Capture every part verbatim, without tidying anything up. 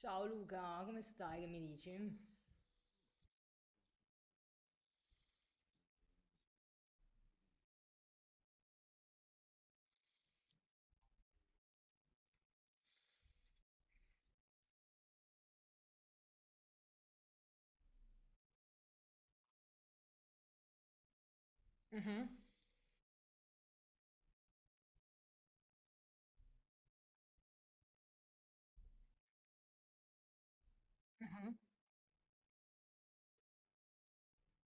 Ciao Luca, come stai? Che mi dici? Mhm, mhm.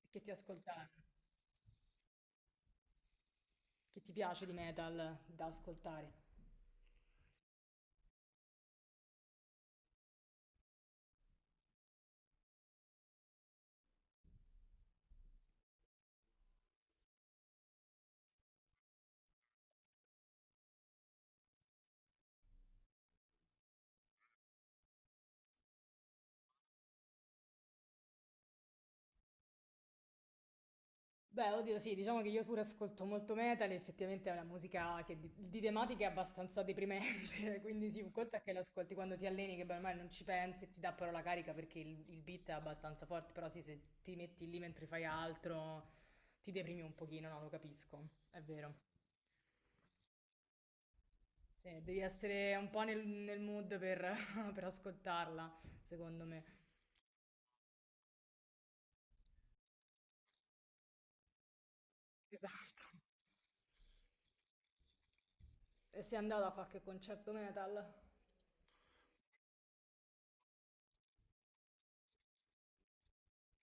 Che ti ascolta, che ti piace di metal da ascoltare? Beh, oddio, sì, diciamo che io pure ascolto molto metal e effettivamente è una musica che di, di tematica è abbastanza deprimente, quindi sì, un conto è che l'ascolti quando ti alleni, che beh, ormai non ci pensi e ti dà però la carica perché il, il beat è abbastanza forte, però sì, se ti metti lì mentre fai altro ti deprimi un pochino, no, lo capisco, è vero. Sì, devi essere un po' nel, nel mood per per ascoltarla, secondo me. Esatto. E sei andato a qualche concerto metal?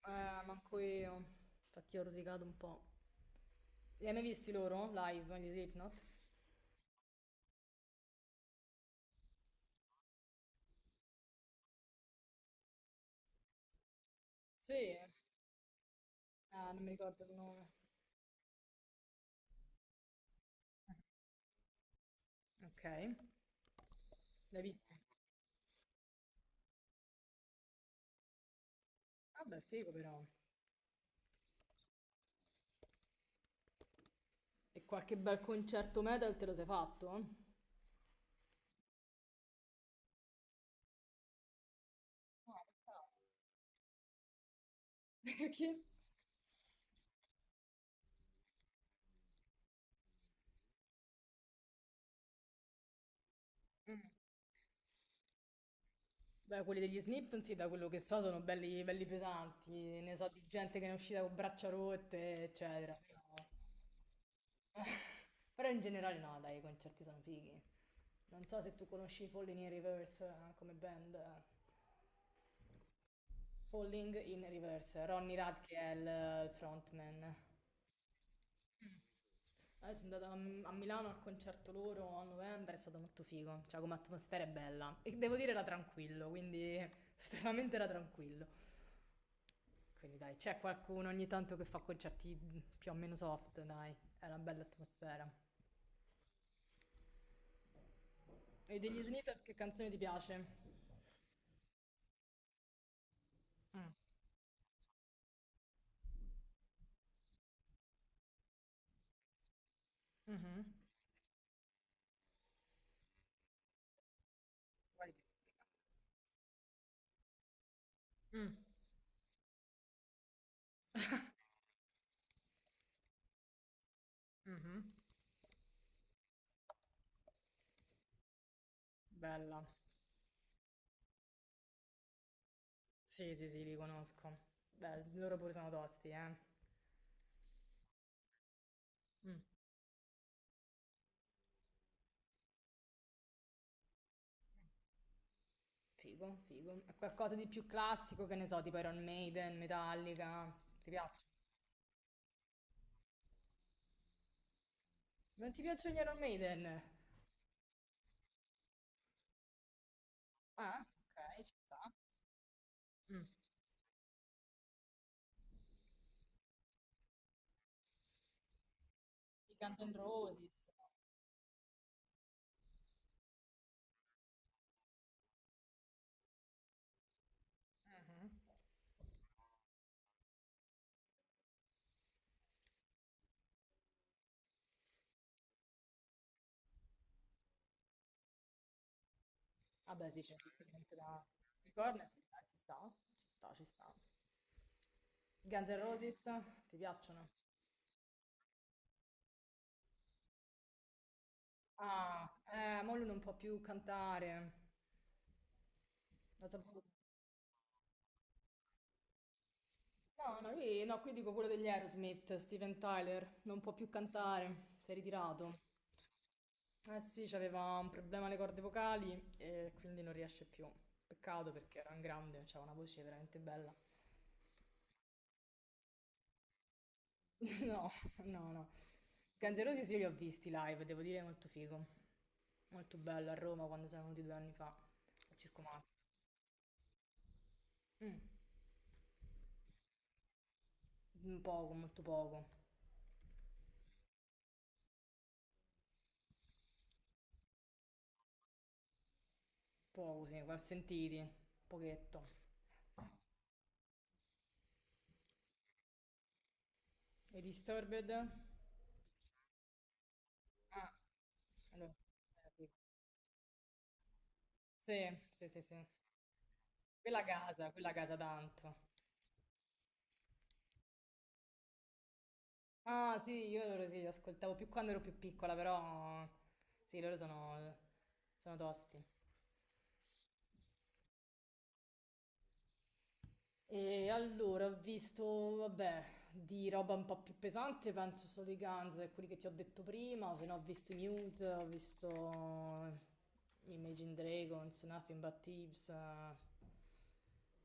Eh, manco io. Infatti ho rosicato un po'. Li hai mai visti loro live, gli Slipknot? Sì. Ah, non mi ricordo il nome. Ok. L'hai visti? Vabbè, figo però. E qualche bel concerto metal te lo sei fatto? No, peccato. Perché? Mm. Beh, quelli degli Snip, sì, da quello che so, sono belli, belli pesanti. Ne so di gente che ne è uscita con braccia rotte, eccetera. Però in generale no, dai, i concerti sono fighi. Non so se tu conosci Falling in Reverse eh, come band. Falling in Reverse, Ronny Rad che è il, il frontman. Eh, sono andata a, a Milano al concerto loro a novembre, è stato molto figo, cioè come atmosfera è bella. E devo dire era tranquillo, quindi estremamente era tranquillo. Quindi dai, c'è qualcuno ogni tanto che fa concerti più o meno soft, dai, è una bella atmosfera. E degli Snippet che canzone ti piace? Mm. Mhm. Quali ti- Mm, mhm. Bella. Sì, sì, sì, li conosco. Beh, loro pure sono tosti, eh. Mm. Figo, figo. E qualcosa di più classico, che ne so, tipo Iron Maiden, Metallica. Ti piacciono? Non ti piacciono gli Iron Maiden? Ah, ok, ci sta. Mm. I Guns N' Roses. Mhm. Vabbè, sì, c'è sicuramente da... I Corner, sì, dai, ci sta, ci sta, ci sta. I Guns N' Roses, ti piacciono? Ah, eh, mo lui non può più cantare. Lo so. No, no, lui, no, qui dico quello degli Aerosmith, Steven Tyler, non può più cantare, si è ritirato. Eh sì, c'aveva un problema alle corde vocali e quindi non riesce più. Peccato perché era un grande, aveva una voce veramente bella. No, no, no. Guns N' Roses io li ho visti live, devo dire, molto figo. Molto bello, a Roma quando sono venuti due anni fa, al Circo Massimo. Mm, poco, molto poco. Poco, sì, li ho sentiti, pochetto. E Disturbed? Ah, allora, sì, sì, sì, sì. Quella casa, quella casa tanto. Ah, sì, io loro sì, li ascoltavo più quando ero più piccola, però sì, loro sono, sono tosti. E allora ho visto, vabbè, di roba un po' più pesante, penso solo i Guns e quelli che ti ho detto prima, se no ho visto i Muse, ho visto Imagine Dragons, Nothing But Thieves, eh,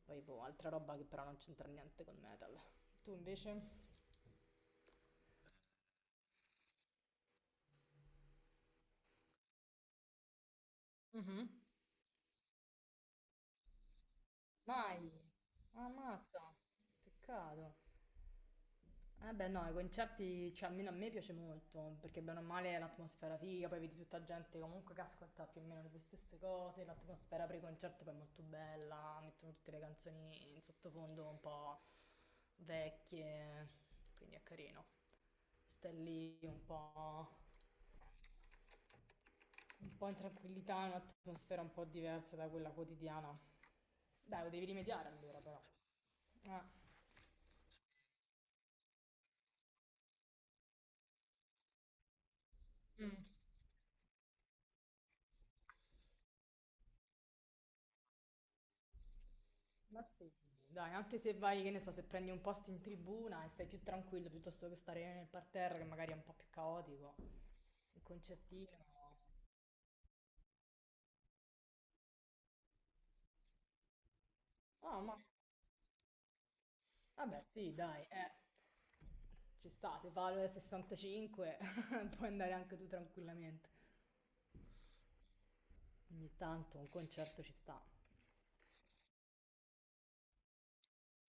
poi boh, altra roba che però non c'entra niente con metal. Tu invece? Mhm. Mai. Ammazza. Peccato. Eh beh no, i concerti, cioè almeno a me piace molto, perché bene o male è l'atmosfera figa, poi vedi tutta gente comunque che ascolta più o meno le stesse cose, l'atmosfera pre-concerto poi è molto bella, mettono tutte le canzoni in sottofondo un po' vecchie, quindi è carino. Stai lì un po', un po' in tranquillità, in un'atmosfera un po' diversa da quella quotidiana. Dai, lo devi rimediare allora però. Eh. Mm. Ma sì, dai, anche se vai, che ne so, se prendi un posto in tribuna e stai più tranquillo piuttosto che stare nel parterre, che magari è un po' più caotico, il concertino. No, ma vabbè, sì, dai, eh, ci sta, se va alle sessantacinque puoi andare anche tu tranquillamente. Ogni tanto un concerto ci sta.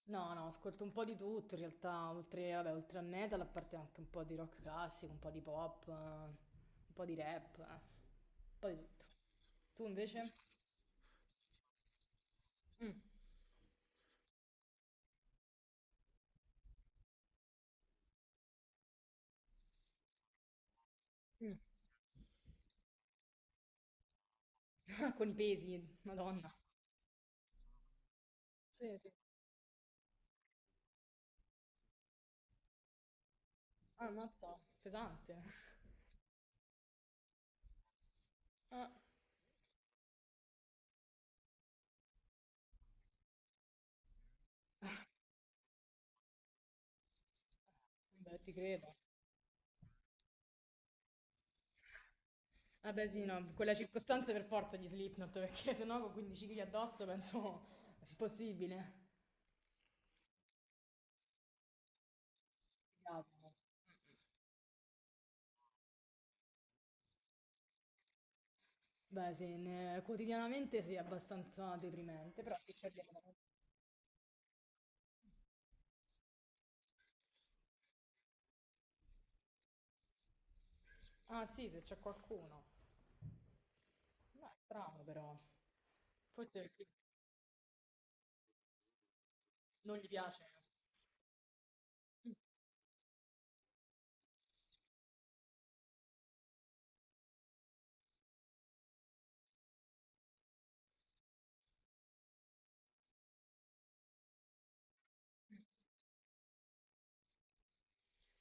No, no, ascolto un po' di tutto, in realtà, oltre, vabbè, oltre al metal, a parte anche un po' di rock classico, un po' di pop, eh, un po' di rap, eh, un po' di tutto. Tu invece? Mm. Mm. Con i pesi, Madonna. Sì, sì. Ammazza, pesante. Ah, beh, ti credo. Vabbè, sì, no, in quella circostanza per forza gli Slipknot, perché sennò con quindici chili addosso penso è impossibile. Orgasmo. Beh, sì, ne- quotidianamente sì, è abbastanza deprimente, però che parliamo da Ah, sì, se c'è qualcuno. No, è strano però. Forse perché non gli piace.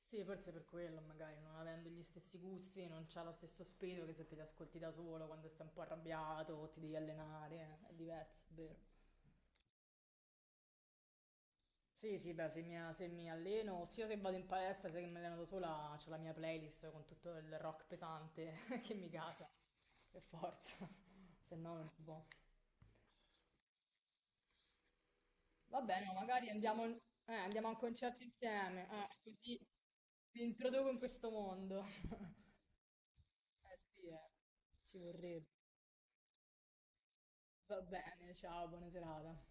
Sì, forse per quello, magari non avendo gli stessi gusti, non c'ha lo stesso spirito che se te li ascolti da solo quando stai un po' arrabbiato o ti devi allenare, eh, è diverso, è vero. Sì, sì, beh, se mi, se mi alleno, sia se vado in palestra, sia che mi alleno da sola, c'ho la mia playlist con tutto il rock pesante che mi cata, per forza, se no non si può. Va bene, magari andiamo, eh, andiamo a un concerto insieme, eh, così ti introduco in questo mondo. Eh sì, eh, ci vorrebbe. Va bene, ciao, buona serata.